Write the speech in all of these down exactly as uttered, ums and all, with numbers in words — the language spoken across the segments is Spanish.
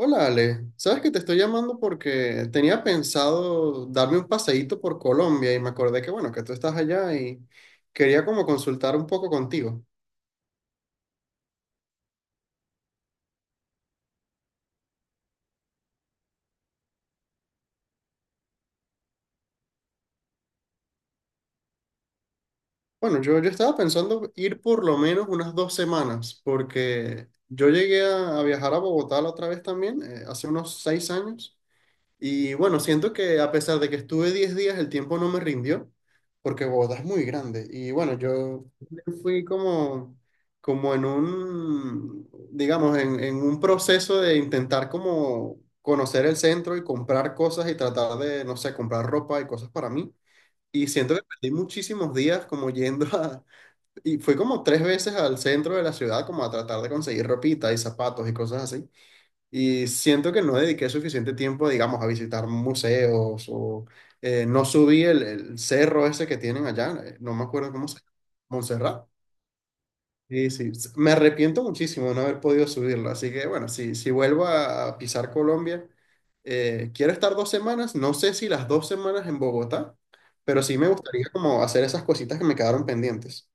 Hola Ale, sabes que te estoy llamando porque tenía pensado darme un paseíto por Colombia y me acordé que bueno, que tú estás allá y quería como consultar un poco contigo. Bueno, yo, yo estaba pensando ir por lo menos unas dos semanas porque yo llegué a, a viajar a Bogotá la otra vez también, eh, hace unos seis años. Y bueno, siento que a pesar de que estuve diez días, el tiempo no me rindió, porque Bogotá es muy grande. Y bueno, yo fui como, como en un, digamos, en, en un proceso de intentar como conocer el centro y comprar cosas y tratar de, no sé, comprar ropa y cosas para mí. Y siento que perdí muchísimos días como yendo a... Y fui como tres veces al centro de la ciudad como a tratar de conseguir ropita y zapatos y cosas así. Y siento que no dediqué suficiente tiempo, digamos, a visitar museos o eh, no subí el, el cerro ese que tienen allá, eh, no me acuerdo cómo se llama, Montserrat. Y sí, s- me arrepiento muchísimo de no haber podido subirlo, así que bueno, si, si vuelvo a, a pisar Colombia, eh, quiero estar dos semanas, no sé si las dos semanas en Bogotá, pero sí me gustaría como hacer esas cositas que me quedaron pendientes.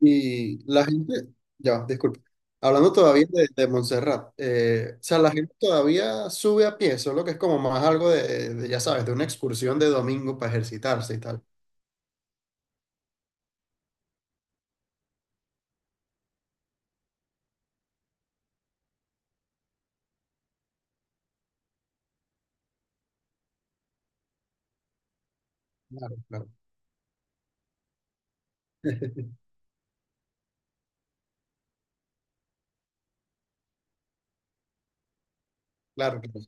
Y la gente, ya, disculpe, hablando todavía de, de Montserrat, eh, o sea, la gente todavía sube a pie, solo que es como más algo de, de, ya sabes, de una excursión de domingo para ejercitarse y tal. Claro, claro, claro.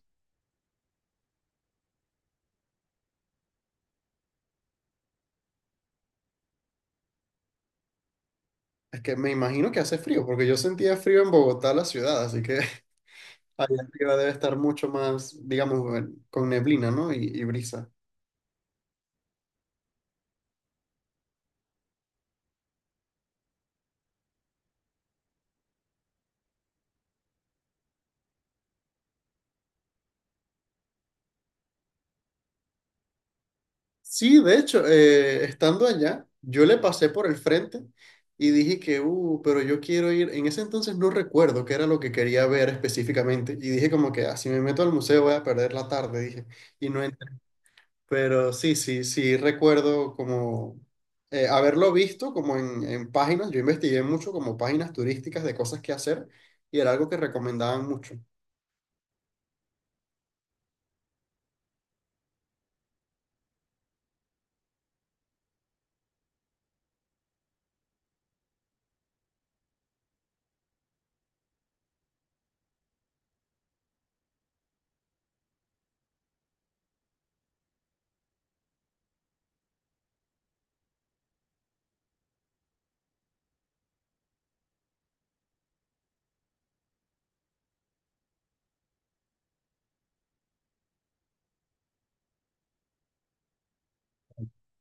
Es que me imagino que hace frío, porque yo sentía frío en Bogotá, la ciudad, así que allá arriba debe estar mucho más, digamos, bueno, con neblina, ¿no? Y, y brisa. Sí, de hecho, eh, estando allá, yo le pasé por el frente y dije que, uh, pero yo quiero ir. En ese entonces no recuerdo qué era lo que quería ver específicamente. Y dije como que, ah, si me meto al museo voy a perder la tarde, dije. Y no entré. Pero sí, sí, sí, recuerdo como eh, haberlo visto como en, en páginas. Yo investigué mucho como páginas turísticas de cosas que hacer y era algo que recomendaban mucho,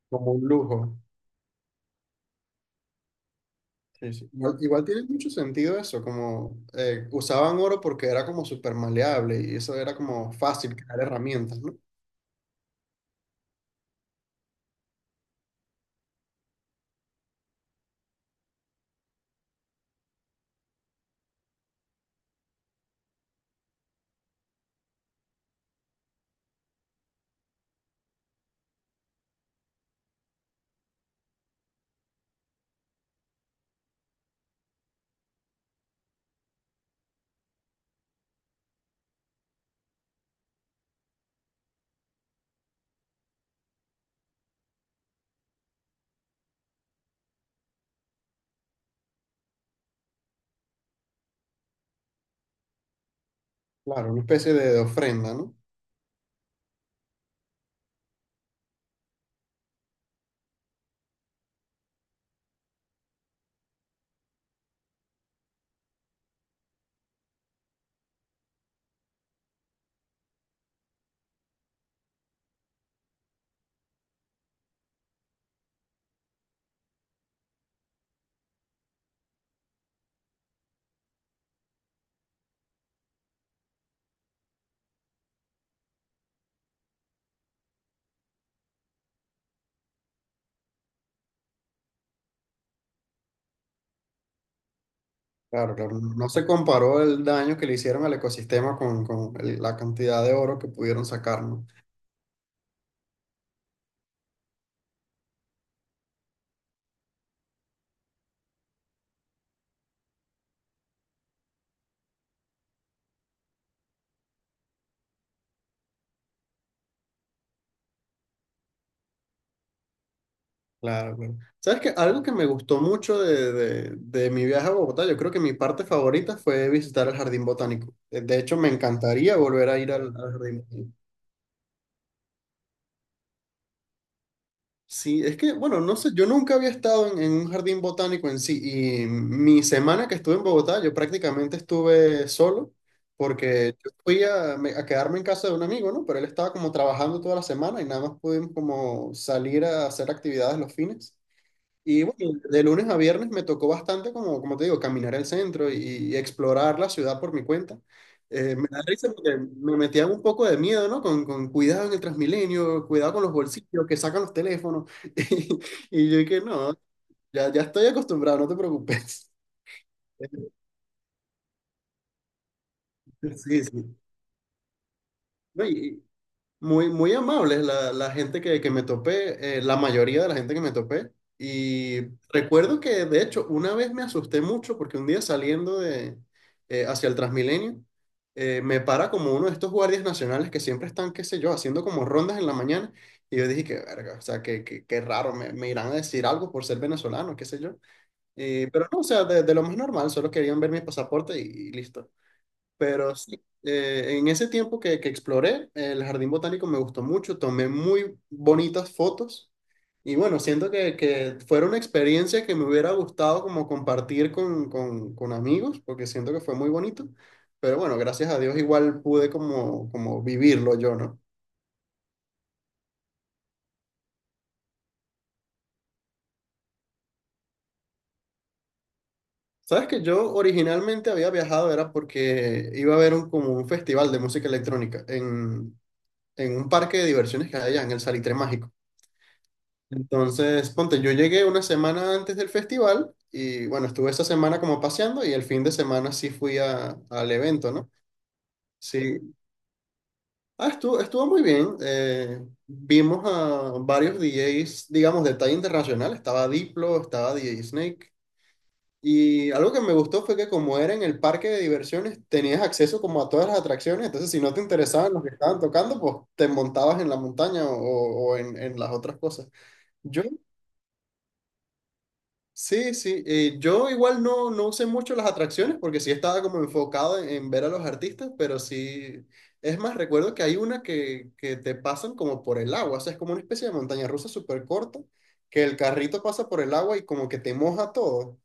como un lujo. Sí, sí. Igual, igual tiene mucho sentido eso, como eh, usaban oro porque era como súper maleable y eso era como fácil crear herramientas, ¿no? Claro, una especie de, de ofrenda, ¿no? Claro, claro, no no se comparó el daño que le hicieron al ecosistema con, con el- la cantidad de oro que pudieron sacar, ¿no? Claro, claro. ¿Sabes qué? Algo que me gustó mucho de, de- de mi viaje a Bogotá, yo creo que mi parte favorita fue visitar el Jardín Botánico. De de hecho, me encantaría volver a ir al al Jardín Botánico. Sí, es que, bueno, no sé, yo nunca había estado en, en un jardín botánico en sí y mi semana que estuve en Bogotá, yo prácticamente estuve solo porque yo fui a, me- a quedarme en casa de un amigo, ¿no? Pero él estaba como trabajando toda la semana y nada más pudimos como salir a hacer actividades los fines. Y bueno, de lunes a viernes me tocó bastante, como, como te digo, caminar el centro y, y explorar la ciudad por mi cuenta. Eh, me da risa porque me metían un poco de miedo, ¿no? Con, con cuidado en el Transmilenio, cuidado con los bolsillos, que sacan los teléfonos. Y, y yo dije, no, ya, ya estoy acostumbrado, no te preocupes. Sí, sí. No, y, Muy, muy amables la, la gente que, que me topé, eh, la mayoría de la gente que me topé. Y recuerdo que, de hecho, una vez me asusté mucho porque un día saliendo de, eh, hacia el Transmilenio, eh, me para como uno de estos guardias nacionales que siempre están, qué sé yo, haciendo como rondas en la mañana. Y yo dije, qué verga, o sea, qué, qué, qué raro, me, me irán a decir algo por ser venezolano, qué sé yo. Eh, pero no, o sea, de, de lo más normal, solo querían ver mi pasaporte y y listo. Pero sí, eh, en ese tiempo que, que exploré, el jardín botánico me gustó mucho, tomé muy bonitas fotos y bueno, siento que, que fuera una experiencia que me hubiera gustado como compartir con, con, con amigos, porque siento que fue muy bonito, pero bueno, gracias a Dios igual pude como, como vivirlo yo, ¿no? Sabes que yo originalmente había viajado era porque iba a ver un, como un festival de música electrónica en, en un parque de diversiones que hay allá en el Salitre Mágico. Entonces, ponte, yo llegué una semana antes del festival y bueno, estuve esa semana como paseando y el fin de semana sí fui a- al evento, ¿no? Sí, ah, estuvo, estuvo muy bien. Eh, vimos a varios D J s, digamos, de talla internacional. Estaba Diplo, estaba D J Snake. Y algo que me gustó fue que como era en el parque de diversiones, tenías acceso como a todas las atracciones. Entonces, si no te interesaban los que estaban tocando, pues te montabas en la montaña o, o en, en las otras cosas. Yo sí, sí, eh, yo igual no, no usé mucho las atracciones porque sí estaba como enfocado en, en ver a los artistas, pero sí, es más, recuerdo que hay una que, que te pasan como por el agua, o sea, es como una especie de montaña rusa súper corta, que el carrito pasa por el agua y como que te moja todo.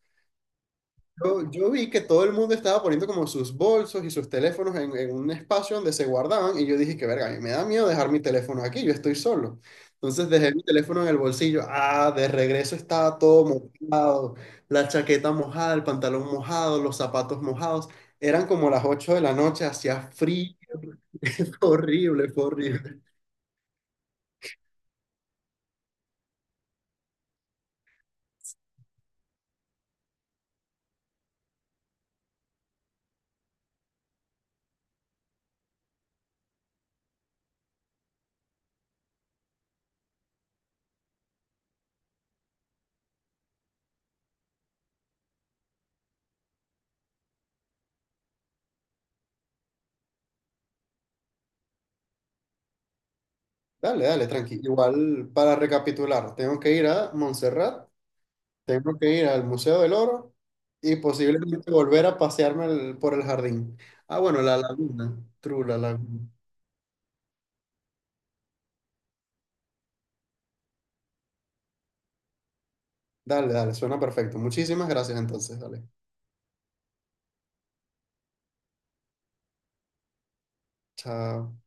Yo, yo vi que todo el mundo estaba poniendo como sus bolsos y sus teléfonos en, en un espacio donde se guardaban y yo dije que verga, a mí me da miedo dejar mi teléfono aquí, yo estoy solo. Entonces dejé mi teléfono en el bolsillo, ah, de regreso estaba todo mojado, la chaqueta mojada, el pantalón mojado, los zapatos mojados. Eran como las ocho de la noche, hacía frío, fue horrible, fue horrible. Dale, dale, tranqui. Igual para recapitular, tengo que ir a Montserrat. Tengo que ir al Museo del Oro y posiblemente volver a pasearme al- por el jardín. Ah, bueno, la laguna. True, la laguna. Dale, dale, suena perfecto. Muchísimas gracias entonces, dale. Chao.